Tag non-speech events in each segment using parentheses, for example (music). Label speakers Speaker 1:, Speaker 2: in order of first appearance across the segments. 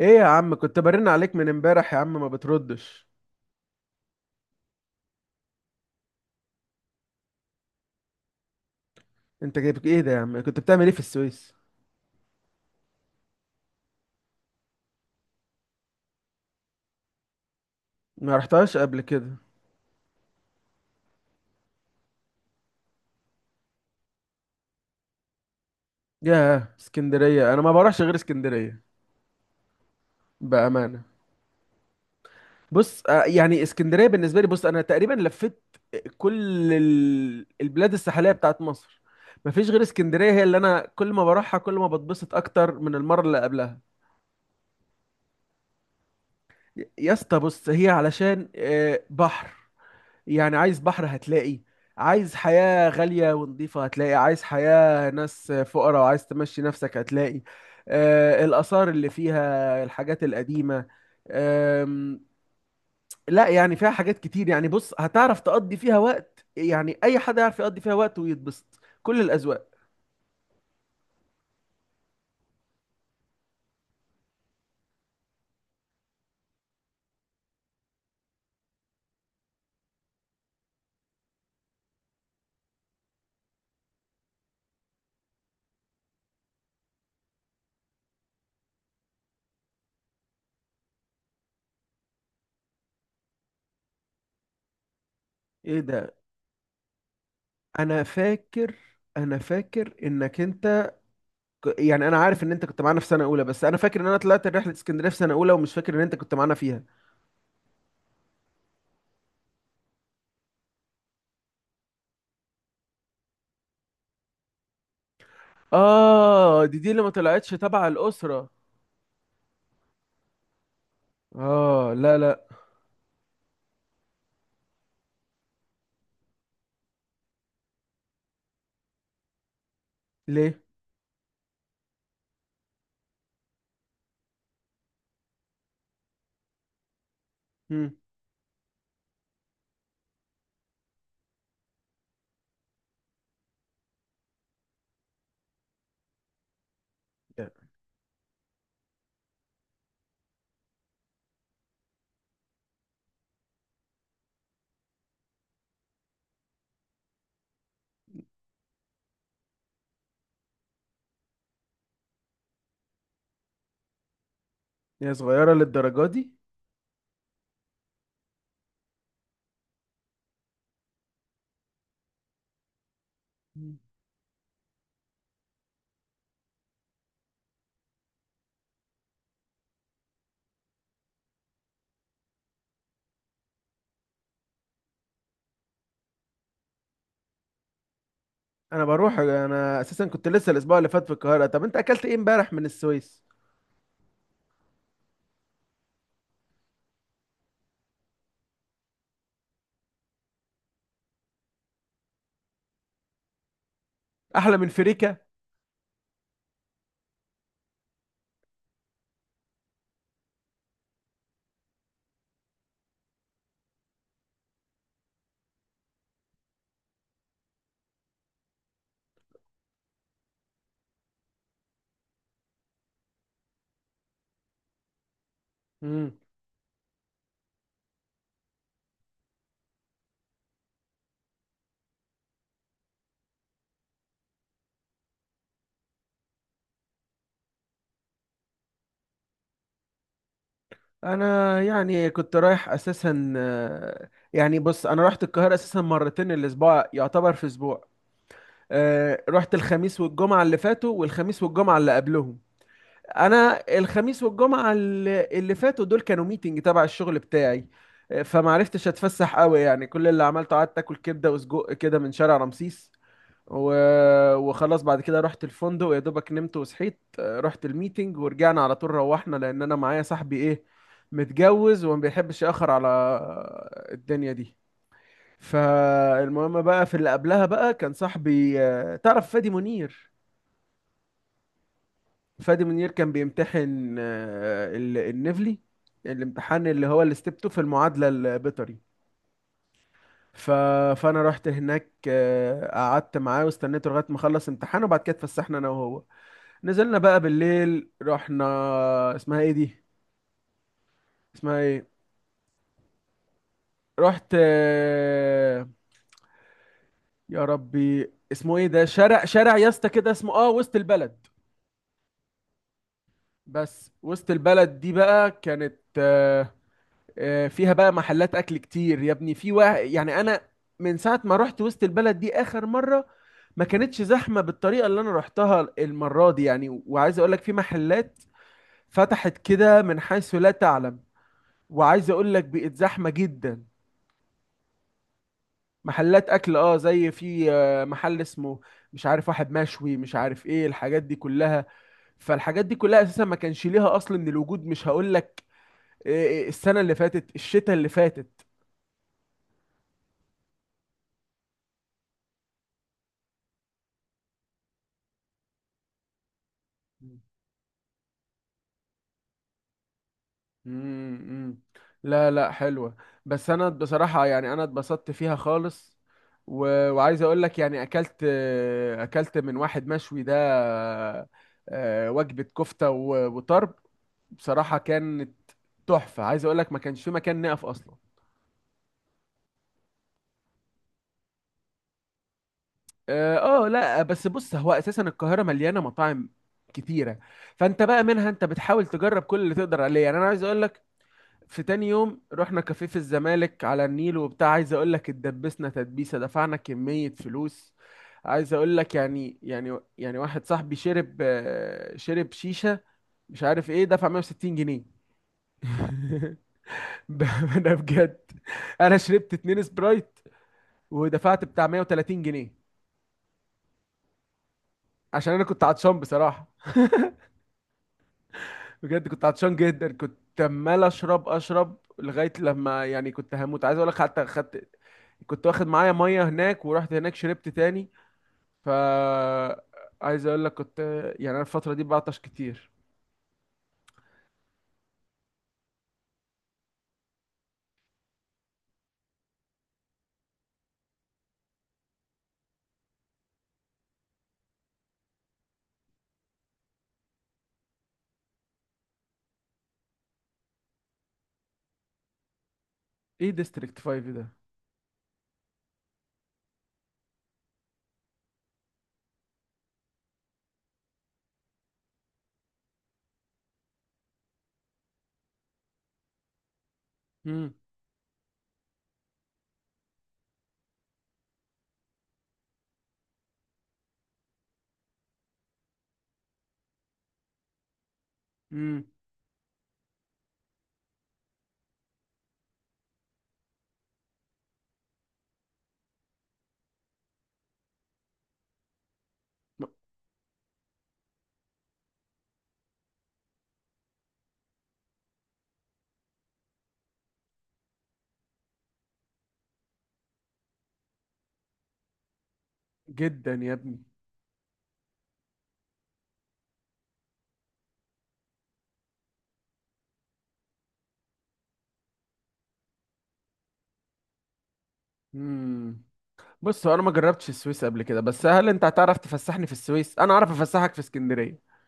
Speaker 1: ايه يا عم، كنت برن عليك من امبارح يا عم ما بتردش؟ انت جايب ايه ده يا عم؟ كنت بتعمل ايه في السويس؟ ما رحتهاش قبل كده؟ ياه اسكندرية. انا ما بروحش غير اسكندرية. بأمانة. بص، يعني اسكندرية بالنسبة لي، بص انا تقريبا لفيت كل البلاد الساحلية بتاعت مصر. مفيش غير اسكندرية، هي اللي انا كل ما بروحها كل ما بتبسط اكتر من المرة اللي قبلها. يا اسطى، بص هي علشان بحر. يعني عايز بحر هتلاقي. عايز حياة غالية ونظيفة هتلاقي، عايز حياة ناس فقراء وعايز تمشي نفسك هتلاقي. الآثار اللي فيها الحاجات القديمة. آم، لا، يعني فيها حاجات كتير. يعني بص، هتعرف تقضي فيها وقت، يعني أي حد يعرف يقضي فيها وقت ويتبسط، كل الأذواق. ايه ده؟ انا فاكر انا فاكر انك انت، يعني انا عارف ان انت كنت معانا في سنة اولى، بس انا فاكر ان انا طلعت رحلة اسكندرية في سنة اولى ومش فاكر ان انت كنت معانا فيها. اه، دي اللي ما طلعتش تبع الأسرة. اه، لا لا. ليه؟ هم. هي صغيرة للدرجة دي؟ مم. انا اساسا كنت لسه الاسبوع اللي فات في القاهرة. طب انت اكلت ايه امبارح من السويس؟ احلى من فريكة؟ مم. انا يعني كنت رايح اساسا، يعني بص انا رحت القاهرة اساسا مرتين، الاسبوع يعتبر في اسبوع. رحت الخميس والجمعة اللي فاتوا والخميس والجمعة اللي قبلهم. انا الخميس والجمعه اللي فاتوا دول كانوا ميتنج تبع الشغل بتاعي. فمعرفتش اتفسح قوي، يعني كل اللي عملته قعدت اكل كبده وسجق كده من شارع رمسيس. و... وخلاص بعد كده رحت الفندق يا دوبك نمت وصحيت، رحت الميتنج ورجعنا على طول، روحنا لان انا معايا صاحبي، ايه، متجوز وما بيحبش ياخر على الدنيا دي. فالمهم بقى، في اللي قبلها بقى كان صاحبي، تعرف فادي منير. فادي منير كان بيمتحن النفلي، الامتحان اللي هو الستيب 2 في المعادلة البيطري. ف... فانا رحت هناك، قعدت معاه واستنيته لغايه ما خلص امتحانه، وبعد كده اتفسحنا انا وهو. نزلنا بقى بالليل، رحنا. اسمها ايه دي؟ اسمها ايه؟ رحت، يا ربي اسمه ايه ده؟ شارع يا اسطى كده اسمه، اه، وسط البلد. بس وسط البلد دي بقى كانت فيها بقى محلات اكل كتير يا ابني. في واحد، يعني انا من ساعه ما رحت وسط البلد دي اخر مره ما كانتش زحمه بالطريقه اللي انا رحتها المره دي. يعني وعايز اقول لك، في محلات فتحت كده من حيث لا تعلم. وعايز اقول لك بقت زحمه جدا. محلات اكل، اه، زي في محل اسمه، مش عارف، واحد مشوي، مش عارف ايه الحاجات دي كلها. فالحاجات دي كلها اساسا ما كانش ليها اصل من الوجود. مش هقول لك، آه، السنه اللي فاتت، الشتاء اللي فاتت. امم. لا لا، حلوة. بس انا بصراحة، يعني انا اتبسطت فيها خالص. وعايز اقول لك يعني اكلت من واحد مشوي ده، وجبة كفتة وطرب. بصراحة كانت تحفة. عايز اقول لك ما كانش في مكان نقف اصلا. اه، لا بس بص، هو اساسا القاهرة مليانة مطاعم كتيرة. فانت بقى منها انت بتحاول تجرب كل اللي تقدر عليه. يعني انا عايز اقول لك، في تاني يوم رحنا كافيه في الزمالك على النيل وبتاع. عايز اقول لك اتدبسنا تدبيسه، دفعنا كميه فلوس. عايز اقول لك، يعني واحد صاحبي شرب، شرب شيشه، مش عارف ايه، دفع 160 جنيه. (laughs) ب- ده بجد، انا شربت اتنين سبرايت ودفعت بتاع 130 جنيه. عشان انا كنت عطشان بصراحه. (laughs) بجد كنت عطشان جدا، كنت عمال اشرب اشرب لغايه لما يعني كنت هموت. عايز اقول لك حتى خدت، كنت واخد معايا ميه هناك ورحت هناك شربت تاني. ف عايز اقول لك كنت، يعني انا الفتره دي بعطش كتير. ايه ديستريكت 5 ده؟ امم امم جدا يا ابني. امم بص هو انا ما جربتش السويس قبل كده، بس هل انت هتعرف تفسحني في السويس انا اعرف افسحك في اسكندريه؟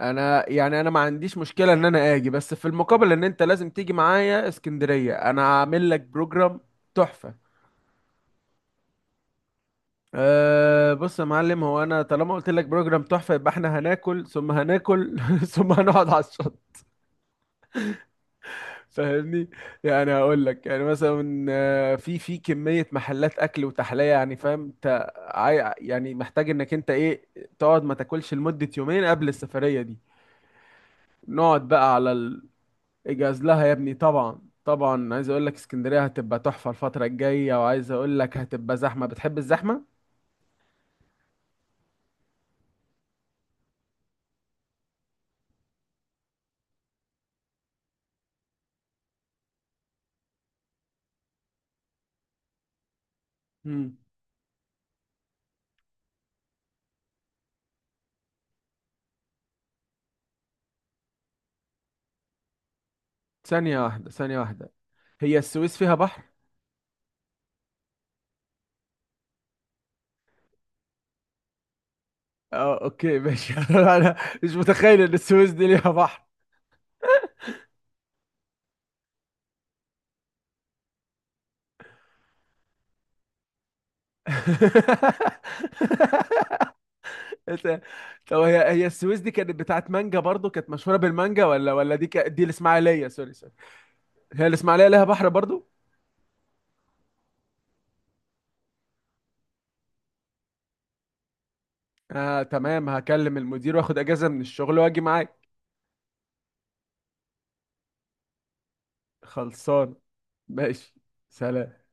Speaker 1: انا يعني انا ما عنديش مشكله ان انا اجي، بس في المقابل ان انت لازم تيجي معايا اسكندريه. انا عامل لك بروجرام تحفه. أه بص يا معلم، هو انا طالما قلت لك بروجرام تحفه يبقى احنا هناكل ثم هناكل (laughs) ثم هنقعد على الشط، فاهمني؟ يعني هقول لك يعني مثلا، في كميه محلات اكل وتحليه. يعني فاهم انت، يعني محتاج انك انت، ايه، تقعد ما تاكلش لمده يومين قبل السفريه دي. نقعد بقى على اجهز لها يا ابني، طبعا طبعا. عايز اقول لك اسكندريه هتبقى تحفه الفتره الجايه. وعايز اقول لك هتبقى زحمه، بتحب الزحمه؟ مم. ثانيه واحده، ثانيه واحده. هي السويس فيها بحر؟ اه اوكي ماشي (laughs) انا مش متخيل ان السويس دي ليها بحر. (laughs) إنت- طب، هي السويس دي كانت بتاعت مانجا برضو، كانت مشهوره بالمانجا، ولا دي الاسماعيليه؟ سوري سوري، هي الاسماعيليه ليها بحر برضو؟ اه تمام، هكلم المدير واخد اجازه من الشغل واجي معاك. خلصان. ماشي. سلام.